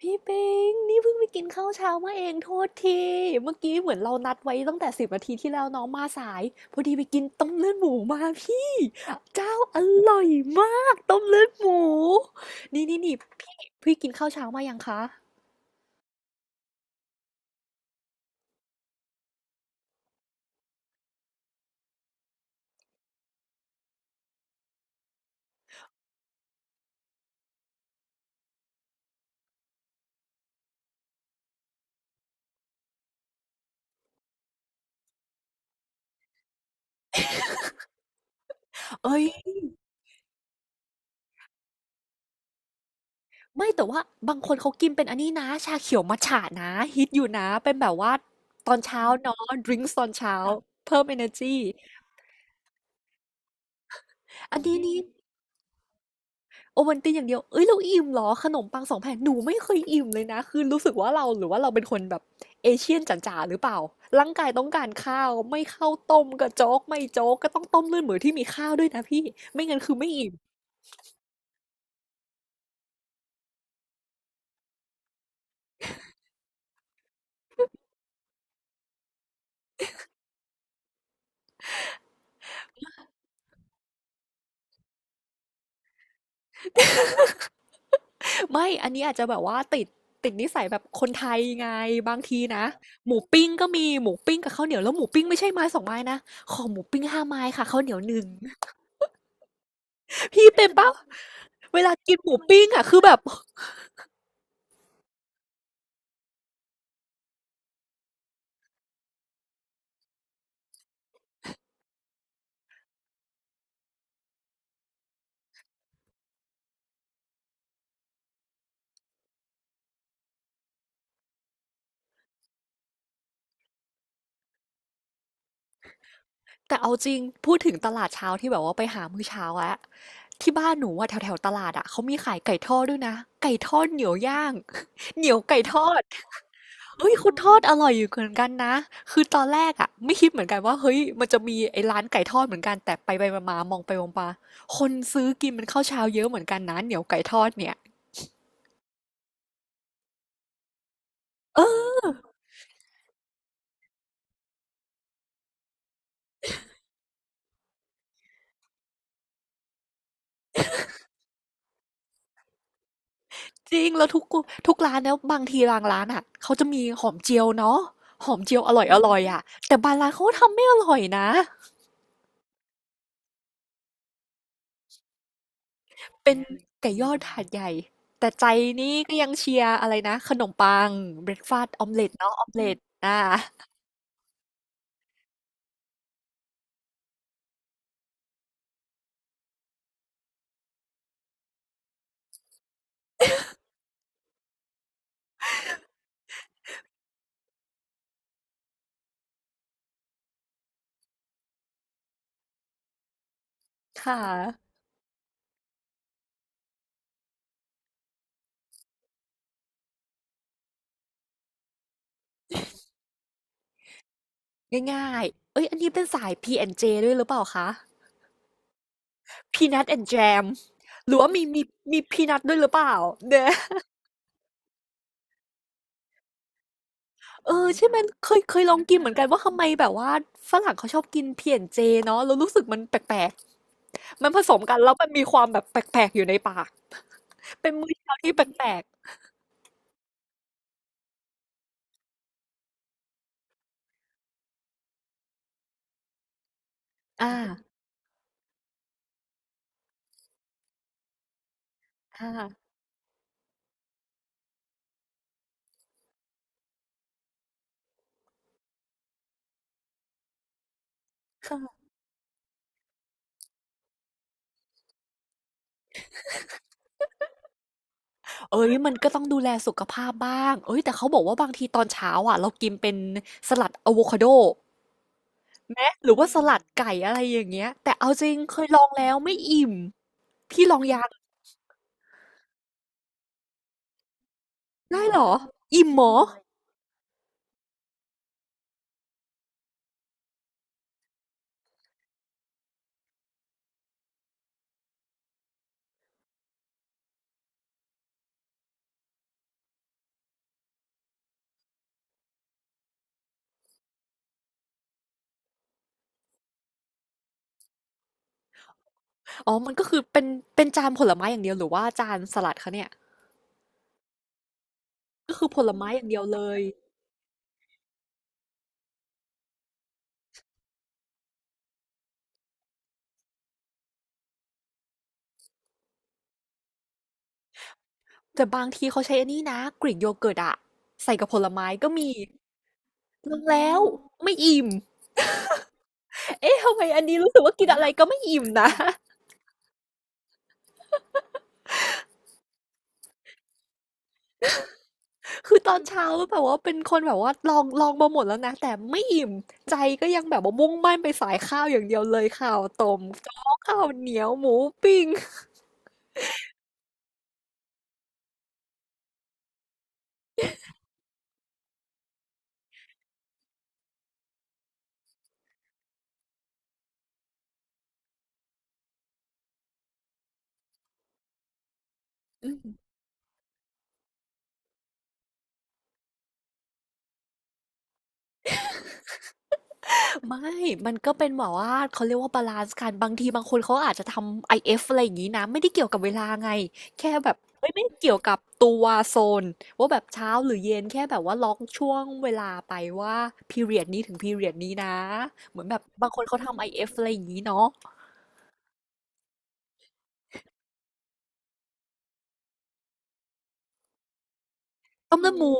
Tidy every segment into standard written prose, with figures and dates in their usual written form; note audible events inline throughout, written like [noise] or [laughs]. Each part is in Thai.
พี่ปิงนี่เพิ่งไปกินข้าวเช้ามาเองโทษทีเมื่อกี้เหมือนเรานัดไว้ตั้งแต่สิบนาทีที่แล้วน้องมาสายพอดีไปกินต้มเลือดหมูมาพี่เจ้าอร่อยมากต้มเลือดหมูนี่พี่พี่กินข้าวเช้ามายังคะเอ้ยไม่แต่ว่าบางคนเขากินเป็นอันนี้นะชาเขียวมัทฉะนะฮิตอยู่นะเป็นแบบว่าตอนเช้าเนาะดริงก์ตอนเช้าเพิ่ม energy อันนี้นี่ โอวัลตินอย่างเดียวเอ้ยเราอิ่มเหรอขนมปังสองแผ่นหนูไม่เคยอิ่มเลยนะคือรู้สึกว่าเราหรือว่าเราเป็นคนแบบเอเชียนจ๋าๆหรือเปล่าร่างกายต้องการข้าวไม่ข้าวต้มก็โจ๊กไม่โจ๊กก็ต้องต้มเลือดหมูที่มีข้าวด้วยนะพี่ไม่งั้นคือไม่อิ่มไม่อันนี้อาจจะแบบว่าติดนิสัยแบบคนไทยไงบางทีนะหมูปิ้งก็มีหมูปิ้งกับข้าวเหนียวแล้วหมูปิ้งไม่ใช่ไม้สองไม้นะขอหมูปิ้งห้าไม้ค่ะข้าวเหนียวหนึ่ง [laughs] พี่เป็นปะเวลากินหมูปิ้งอะคือแบบ แต่เอาจริงพูดถึงตลาดเช้าที่แบบว่าไปหามื้อเช้าอะที่บ้านหนูอะแถวๆตลาดอะเขามีขายไก่ทอดด้วยนะไก่ทอดเหนียวย่าง [laughs] เหนียวไก่ทอดเฮ้ยคุณทอดอร่อยอยู่เหมือนกันนะคือตอนแรกอะไม่คิดเหมือนกันว่าเฮ้ยมันจะมีไอ้ร้านไก่ทอดเหมือนกันแต่ไปมาๆมองไปมองมาคนซื้อกินมันข้าวเช้าเยอะเหมือนกันนะเหนียวไก่ทอดเนี่ยเออจริงแล้วทุกร้านแล้วบางทีบางร้านอ่ะเขาจะมีหอมเจียวเนาะหอมเจียวอร่อยอ่ะแต่บางร้านเขาก็ทำไม่อร่อยนะ เป็นไก่ยอดหาดใหญ่แต่ใจนี่ก็ยังเชียร์อะไรนะขนมปังเบรกฟาสต์ออมเล็ตเนาะออมเล็ตอ่าค่ะง่ายๆเอ้ยอันนี้เป็นสาย P&J ดเจด้วยหรือเปล่าคะ Peanut and Jam หรือว่ามีมีพีนัทด้วยหรือเปล่าเนี่ยเออใช่ไหมเคยลองกินเหมือนกันว่าทำไมแบบว่าฝรั่งเขาชอบกิน P&J เจเนาะแล้วรู้สึกมันแปลกๆมันผสมกันแล้วมันมีความแบบแปลกๆอยู่ในปากเป็นมื้อเช้าที่แปลกๆอ่าค่ะ เอ้ยมันก็ต้องดูแลสุขภาพบ้างเอ้ยแต่เขาบอกว่าบางทีตอนเช้าอ่ะเรากินเป็นสลัดอะโวคาโดแม้หรือว่าสลัดไก่อะไรอย่างเงี้ยแต่เอาจริงเคยลองแล้วไม่อิ่มพี่ลองยังได้เหรออิ่มเหมออ๋อมันก็คือเป็นจานผลไม้อย่างเดียวหรือว่าจานสลัดคะเนี่ยก็คือผลไม้อย่างเดียวเลยแต่บางทีเขาใช้อันนี้นะกรีกโยเกิร์ตอะใส่กับผลไม้ก็มีลองแล้วไม่อิ่มเอ๊ะทำไมอันนี้รู้สึกว่ากินอะไรก็ไม่อิ่มนะ คือตอนเช้าแบบว่าเป็นคนแบบว่าลองมาหมดแล้วนะแต่ไม่อิ่มใจก็ยังแบบว่ามุ่งมั่นไปสายข้าวอย่างเดียวเลยข้าวต้มโจ๊กข้าวเหนียวหมูปิ้งอืมไม่มันก็เป็นแบบว่าเขาเรียกว่าบาลานซ์กันบางทีบางคนเขาอาจจะทำ IF อเอฟอะไรอย่างนี้นะไม่ได้เกี่ยวกับเวลาไงแค่แบบเอ้ยไม่ได้เกี่ยวกับตัวโซนว่าแบบเช้าหรือเย็นแค่แบบว่าล็อกช่วงเวลาไปว่า period นี้ถึง period นี้นะเหมือนแบบบางคนเขาทำ i เอฟอะไรอย่างนี้เนาะต้มเลือดหมู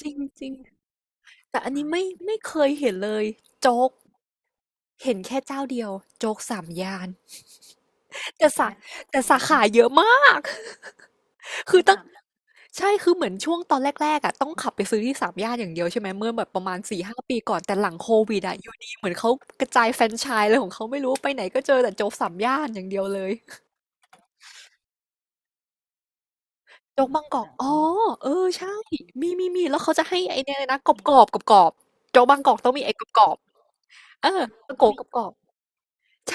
จริงจริงแต่อันนี้ไม่เคยเห็นเลยโจ๊กเห็นแค่เจ้าเดียวโจ๊กสามย่านแต่สาแต่สาขาเยอะมากคือตั้งใช่คือเหมือนช่วงตอนแรกๆอ่ะต้องขับไปซื้อที่สามย่านอย่างเดียวใช่ไหมเมื่อแบบประมาณสี่ห้าปีก่อนแต่หลังโควิดอ่ะอยู่ดีเหมือนเขากระจายแฟรนไชส์อะไรของเขาไม่รู้ไปไหนก็เจอแต่โจ๊กสามย่านอย่างเดียวเลยโจ๊กบางกอกอ๋อเออใช่มีแล้วเขาจะให้ไอ้เนี่ยเลยนะกรอบโจ๊กบางกอกต้องมีไอ้กรอบเออตะโกกรอบ ใ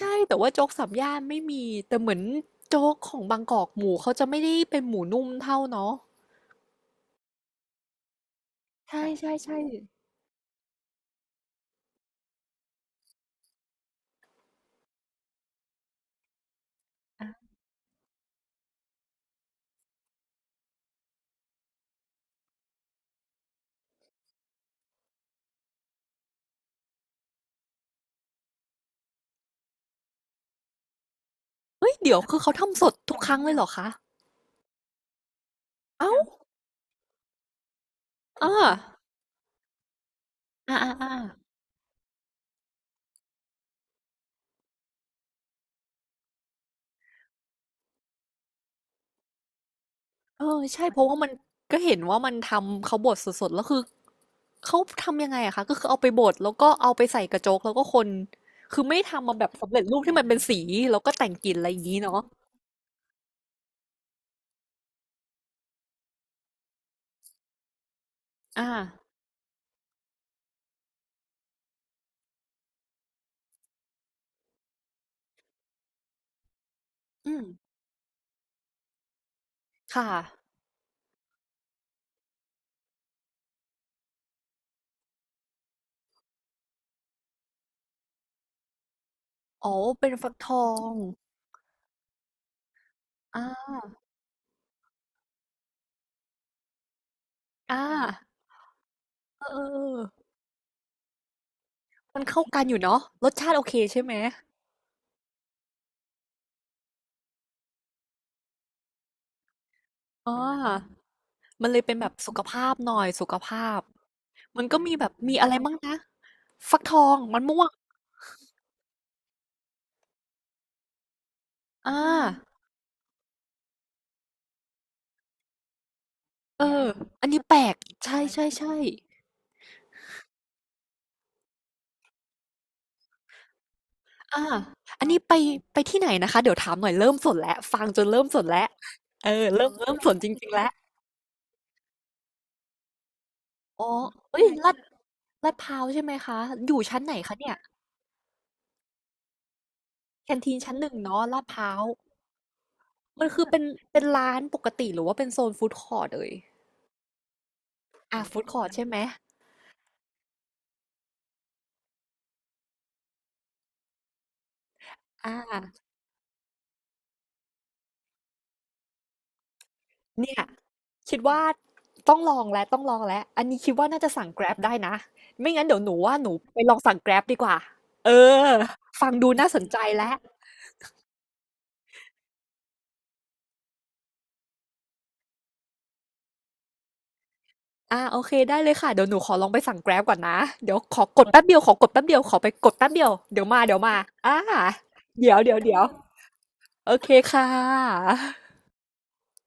ช่ๆๆแต่ว่าโจ๊กสามย่านไม่มีแต่เหมือนโจ๊กของบางกอกหมูเขาจะไม่ได้เป็นหมูนุ่มเท่าเนาะใช่ๆๆเฮ้ยเดี๋ยวคือเขาทำสดทุกครั้งเลยเหรอคะเอ้าวเอาอ่าอ่าเออใช่เพราะว่ามันก็เห็นว่ามันทำเขาบดสดๆแล้วคือเขาทำยังไงอะคะก็คือเอาไปบดแล้วก็เอาไปใส่กระโจ๊กแล้วก็คนคือไม่ทำมาแบบสำเร็จรูปที่มันเป็นสีแล้วก็แต่งกลิ่นอะไรอย่างนี้เนาะอาอืมค่ะอ๋อเป็นฟักทองอาอาเออเออเออ มันเข้ากันอยู่เนาะรสชาติโอเคใช่ไหมอ๋อมันเลยเป็นแบบสุขภาพหน่อยสุขภาพมันก็มีแบบมีอะไรบ้างนะฟักทองมันม่วงอ่าเอออันนี้แปลกใช่ใช่ใช่อ่าอันนี้ไปไปที่ไหนนะคะเดี๋ยวถามหน่อยเริ่มสนแล้วฟังจนเริ่มสนแล้วเออเริ่มสนจริงๆแล้วอ๋อเอ้ยลาดพร้าวใช่ไหมคะอยู่ชั้นไหนคะเนี่ยแคนทีนชั้นหนึ่งเนาะลาดพร้าวมันคือเป็นร้านปกติหรือว่าเป็นโซนฟู้ดคอร์ทเอ่ย อ่ะฟู้ดคอร์ทใช่ไหมอ่าเนี่ยคิดว่าต้องลองแล้วต้องลองแล้วอันนี้คิดว่าน่าจะสั่ง Grab ได้นะไม่งั้นเดี๋ยวหนูว่าหนูไปลองสั่ง Grab ดีกว่าเออฟังดูน่าสนใจแล้วอ่าโอเคได้เลยค่ะเดี๋ยวหนูขอลองไปสั่ง Grab ก่อนนะเดี๋ยวขอกดแป๊บเดียวขอกดแป๊บเดียวขอไปกดแป๊บเดียวเดี๋ยวมาเดี๋ยวมาอ่าเดี๋ยวเดี๋ยวเดี๋ยวโอเคค่ะ